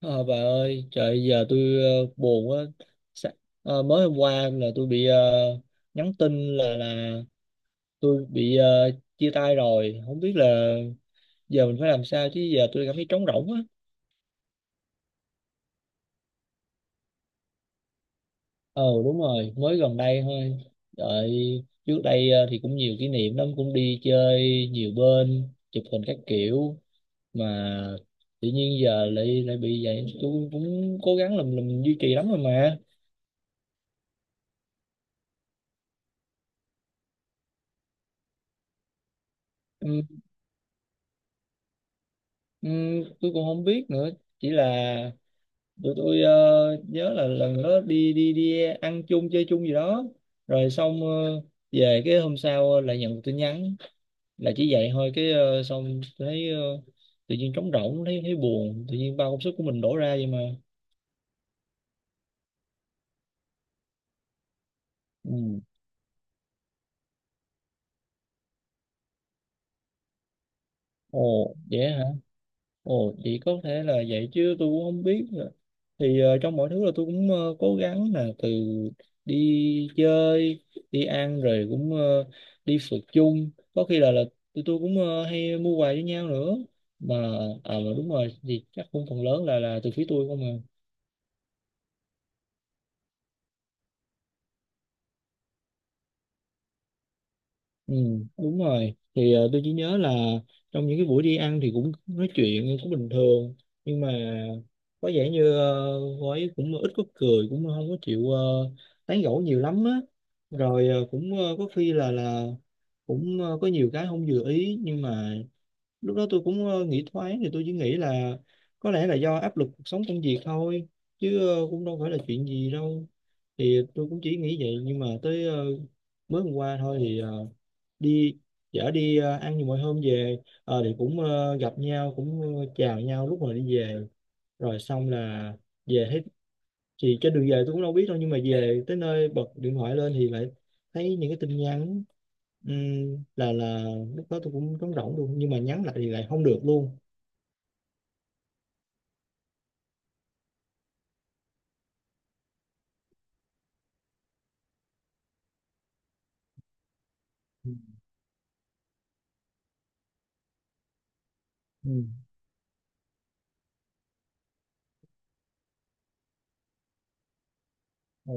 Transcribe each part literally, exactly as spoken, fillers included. Ờ, bà ơi, trời giờ tôi ờ, buồn quá. Sa- ờ, Mới hôm qua là tôi bị ờ, nhắn tin là là tôi bị ờ, chia tay rồi. Không biết là giờ mình phải làm sao chứ giờ tôi cảm thấy trống rỗng á. Ờ đúng rồi, mới gần đây thôi. Đợi trước đây ờ, thì cũng nhiều kỷ niệm lắm, cũng đi chơi nhiều bên, chụp hình các kiểu, mà tự nhiên giờ lại lại bị vậy. Tôi cũng cố gắng làm làm duy trì lắm rồi mà. Ừ, ừ, tôi cũng không biết nữa, chỉ là tụi tôi ờ, nhớ là lần đó đi đi đi ăn chung chơi chung gì đó, rồi xong ờ, về cái hôm sau ờ, lại nhận được tin nhắn là chỉ vậy thôi cái ờ, xong thấy ờ, tự nhiên trống rỗng, thấy thấy buồn, tự nhiên bao công sức của mình đổ ra vậy mà. Ừ. Ồ vậy hả? Ồ, vậy có thể là vậy chứ tôi cũng không biết. Thì ờ, trong mọi thứ là tôi cũng ờ, cố gắng, là từ đi chơi, đi ăn, rồi cũng ờ, đi phượt chung, có khi là là tụi tôi cũng ờ, hay mua quà với nhau nữa mà. À mà đúng rồi, thì chắc cũng phần lớn là là từ phía tôi không à. Ừ, đúng rồi, thì ờ, tôi chỉ nhớ là trong những cái buổi đi ăn thì cũng nói chuyện cũng bình thường, nhưng mà có vẻ như ờ, cô ấy cũng ít có cười, cũng không có chịu ờ, tán gẫu nhiều lắm á. Rồi ờ, cũng ờ, có khi là là cũng ờ, có nhiều cái không vừa ý, nhưng mà lúc đó tôi cũng ờ, nghĩ thoáng, thì tôi chỉ nghĩ là có lẽ là do áp lực cuộc sống, công việc thôi, chứ ờ, cũng đâu phải là chuyện gì đâu. Thì tôi cũng chỉ nghĩ vậy, nhưng mà tới ờ, mới hôm qua thôi, thì ờ, đi chở đi ờ, ăn như mọi hôm về. Ờ, thì cũng ờ, gặp nhau, cũng ờ, chào nhau lúc mà đi về, rồi xong là về thấy, thì trên đường về tôi cũng đâu biết đâu, nhưng mà về tới nơi bật điện thoại lên thì lại thấy những cái tin nhắn. Ừm, là là lúc đó tôi cũng trống rỗng luôn, nhưng mà nhắn lại thì lại không được luôn. Ừ. Ừm. Ờ,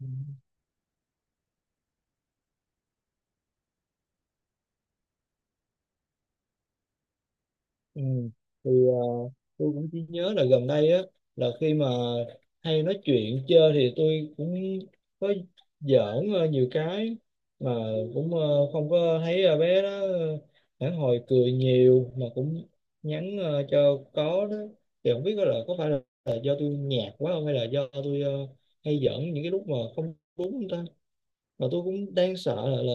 ừ. Ừ. Thì ờ, tôi cũng chỉ nhớ là gần đây á, là khi mà hay nói chuyện chơi thì tôi cũng có giỡn ờ, nhiều cái, mà cũng ờ, không có thấy ờ, bé đó ờ, phản hồi cười nhiều, mà cũng nhắn ờ, cho có đó. Thì không biết là có phải là, là do tôi nhạt quá không, hay là do tôi ờ, hay giỡn những cái lúc mà không đúng không ta. Mà tôi cũng đang sợ là là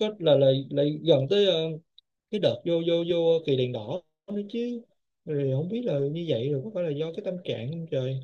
có là là, là gần tới ờ, cái đợt vô vô vô kỳ đèn đỏ nữa chứ, rồi không biết là như vậy rồi có phải là do cái tâm trạng không trời.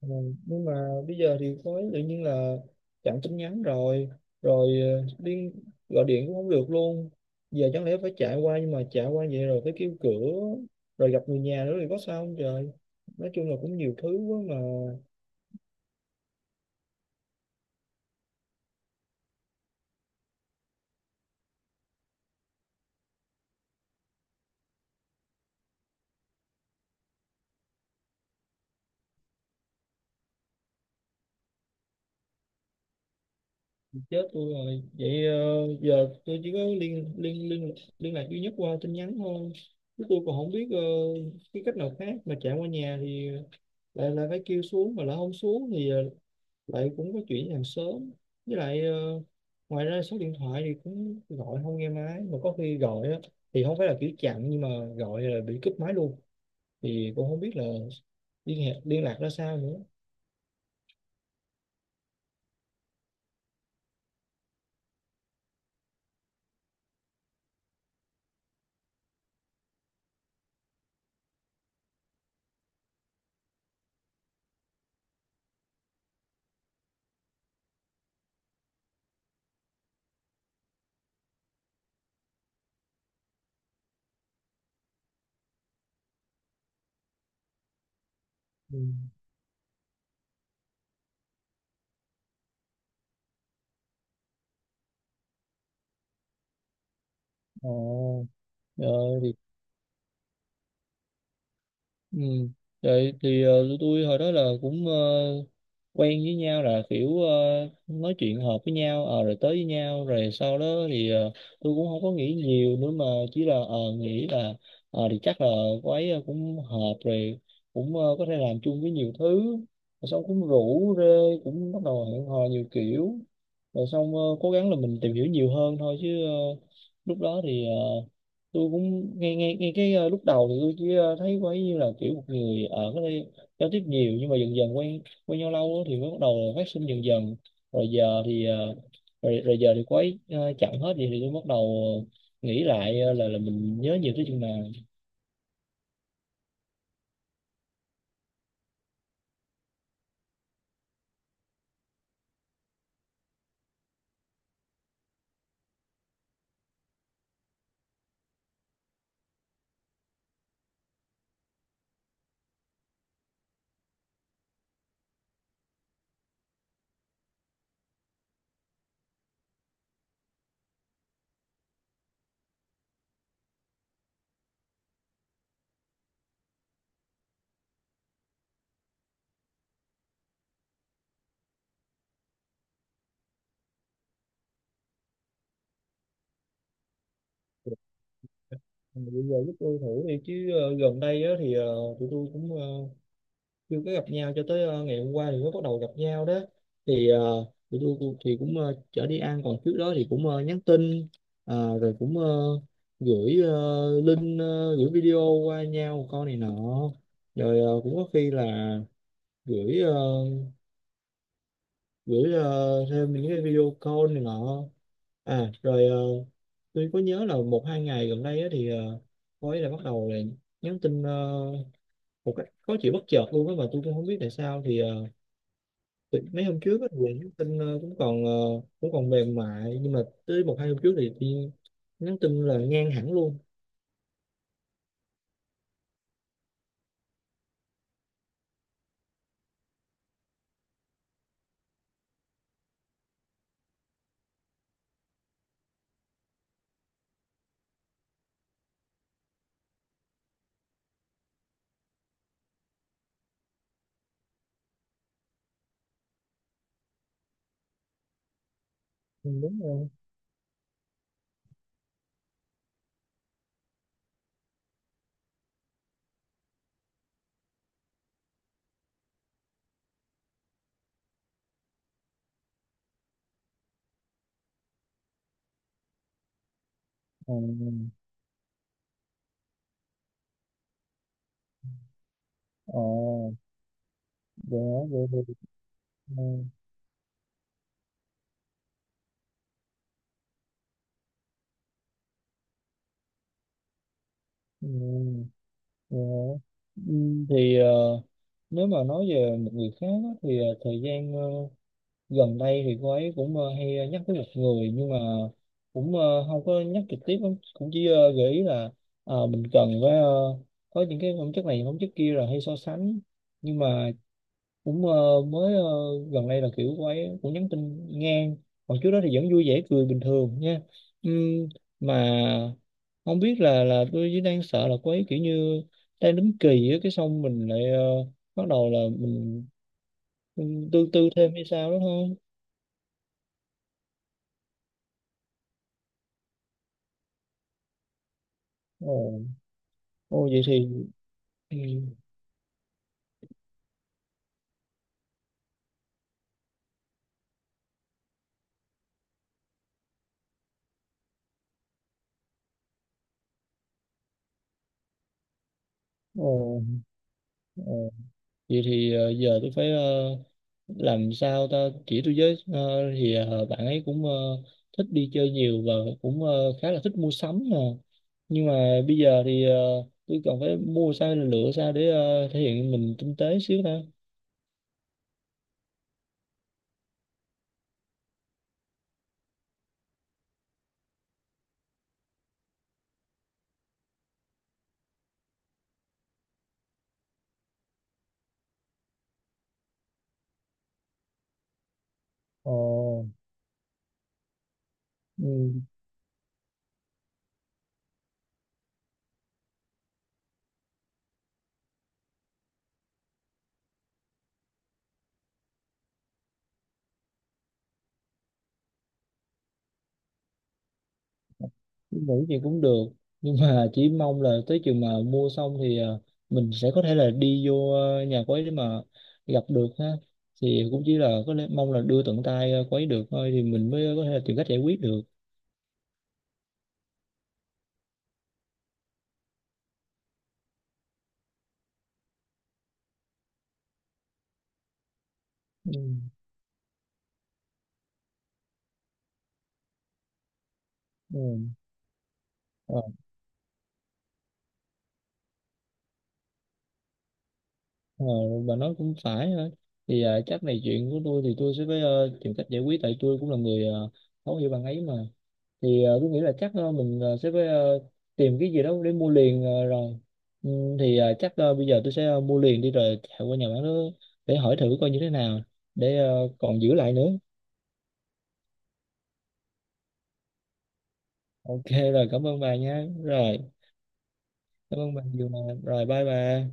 Ừ. Nhưng mà bây giờ thì có tự nhiên là chặn tin nhắn rồi rồi ờ, liên gọi điện cũng không được luôn. Giờ chẳng lẽ phải chạy qua, nhưng mà chạy qua vậy rồi phải kêu cửa, rồi gặp người nhà nữa thì có sao không trời. Nói chung là cũng nhiều thứ quá mà. Chết tôi rồi, vậy ờ, giờ tôi chỉ có liên liên liên liên lạc duy nhất qua tin nhắn thôi, chứ tôi còn không biết ờ, cái cách nào khác. Mà chạy qua nhà thì lại lại phải kêu xuống, mà lại không xuống thì ờ, lại cũng có chuyện làm sớm. Với lại ờ, ngoài ra số điện thoại thì cũng gọi không nghe máy, mà có khi gọi á, thì không phải là kiểu chặn, nhưng mà gọi là bị cúp máy luôn. Thì cũng không biết là liên hệ, liên lạc ra sao nữa. Ừ. Ồ. ờ, thì Ừ. Vậy thì ờ, tụi tôi hồi đó là cũng ờ, quen với nhau là kiểu ờ, nói chuyện hợp với nhau, ờ, rồi tới với nhau, rồi sau đó thì ờ, tôi cũng không có nghĩ nhiều nữa, mà chỉ là ờ, nghĩ là ờ, thì chắc là cô ấy cũng hợp rồi, cũng ờ, có thể làm chung với nhiều thứ, rồi xong cũng rủ rê, cũng bắt đầu hẹn hò nhiều kiểu. Rồi xong ờ, cố gắng là mình tìm hiểu nhiều hơn thôi, chứ ờ, lúc đó thì ờ, tôi cũng nghe nghe nghe cái ờ, lúc đầu thì tôi chỉ ờ, thấy có như là kiểu một người ở cái đây giao tiếp nhiều, nhưng mà dần dần quen quen nhau lâu á thì mới bắt đầu là phát sinh dần dần. Rồi giờ thì ờ, rồi, rồi giờ thì cô ấy ờ, chặn hết, vậy thì tôi bắt đầu ờ, nghĩ lại ờ, là là mình nhớ nhiều tới chừng nào. Mà bây giờ giúp tôi thử đi chứ, ờ, gần đây á, thì ờ, tụi tôi cũng ờ, chưa có gặp nhau cho tới ờ, ngày hôm qua thì mới bắt đầu gặp nhau đó. Thì ờ, tụi tôi cũng- thì cũng ờ, chở đi ăn, còn trước đó thì cũng ờ, nhắn tin, ờ, rồi cũng ờ, gửi ờ, link, ờ, gửi video qua nhau con này nọ. Rồi ờ, cũng có khi là gửi ờ, gửi ờ, thêm những cái video call này nọ. À rồi ờ, tôi có nhớ là một hai ngày gần đây á, thì ờ, cô ấy là bắt đầu là nhắn tin ờ, một cách khó chịu bất chợt luôn á, mà tôi cũng không biết tại sao. Thì ờ, thì mấy hôm trước á, Quỳnh nhắn tin ờ, cũng còn ờ, cũng còn mềm mại, nhưng mà tới một hai hôm trước thì, thì nhắn tin là ngang hẳn luôn. Ừ, đúng rồi. ờ ờ dạ, vậy thì ừ, ừ, dạ. Ừ, thì ờ, nếu mà nói về một người khác á, thì ờ, thời gian ờ, gần đây thì cô ấy cũng ờ, hay ờ, nhắc tới một người, nhưng mà cũng ờ, không có nhắc trực tiếp lắm, cũng chỉ ờ, gợi ý là ờ, mình cần phải ờ, có những cái phẩm chất này phẩm chất kia, rồi hay so sánh. Nhưng mà cũng ờ, mới ờ, gần đây là kiểu cô ấy cũng nhắn tin ngang, còn trước đó thì vẫn vui vẻ cười bình thường nha. Ừm, mà không biết là là tôi chỉ đang sợ là cô ấy kiểu như đang đứng kỳ á, cái xong mình lại ờ, bắt đầu là mình, mình tương tư thêm hay sao đó thôi. Ô, vậy thì ừ, ồ, ồ, vậy thì ờ, giờ tôi phải ờ, làm sao ta, chỉ tôi với. ờ, thì ờ, bạn ấy cũng ờ, thích đi chơi nhiều, và cũng ờ, khá là thích mua sắm nè, nhưng mà bây giờ thì ờ, tôi cần phải mua sao, lựa sao để ờ, thể hiện mình tinh tế xíu ta. Ồ, ừ, nghĩ gì cũng được, nhưng mà chỉ mong là tới chừng mà mua xong thì ờ, mình sẽ có thể là đi vô ờ, nhà quấy để mà gặp được ha. Thì cũng chỉ là có lẽ mong là đưa tận tay ờ, quấy được thôi, thì mình mới có thể là tìm cách giải quyết được. Ừ. Ừ. Ờ, ờ, bà nói cũng phải ha. Thì ờ, chắc này, chuyện của tôi thì tôi sẽ phải ờ, tìm cách giải quyết, tại tôi cũng là người ờ, thấu hiểu bạn ấy mà. Thì ờ, tôi nghĩ là chắc ờ, mình ờ, sẽ phải ờ, tìm cái gì đó để mua liền ờ, rồi. Ừ, thì ờ, chắc ờ, bây giờ tôi sẽ ờ, mua liền đi, rồi chạy qua nhà bán đó để hỏi thử coi như thế nào, để ờ, còn giữ lại nữa. Ok, rồi cảm ơn bà nha. Rồi cảm ơn bà nhiều mà, rồi bye bà.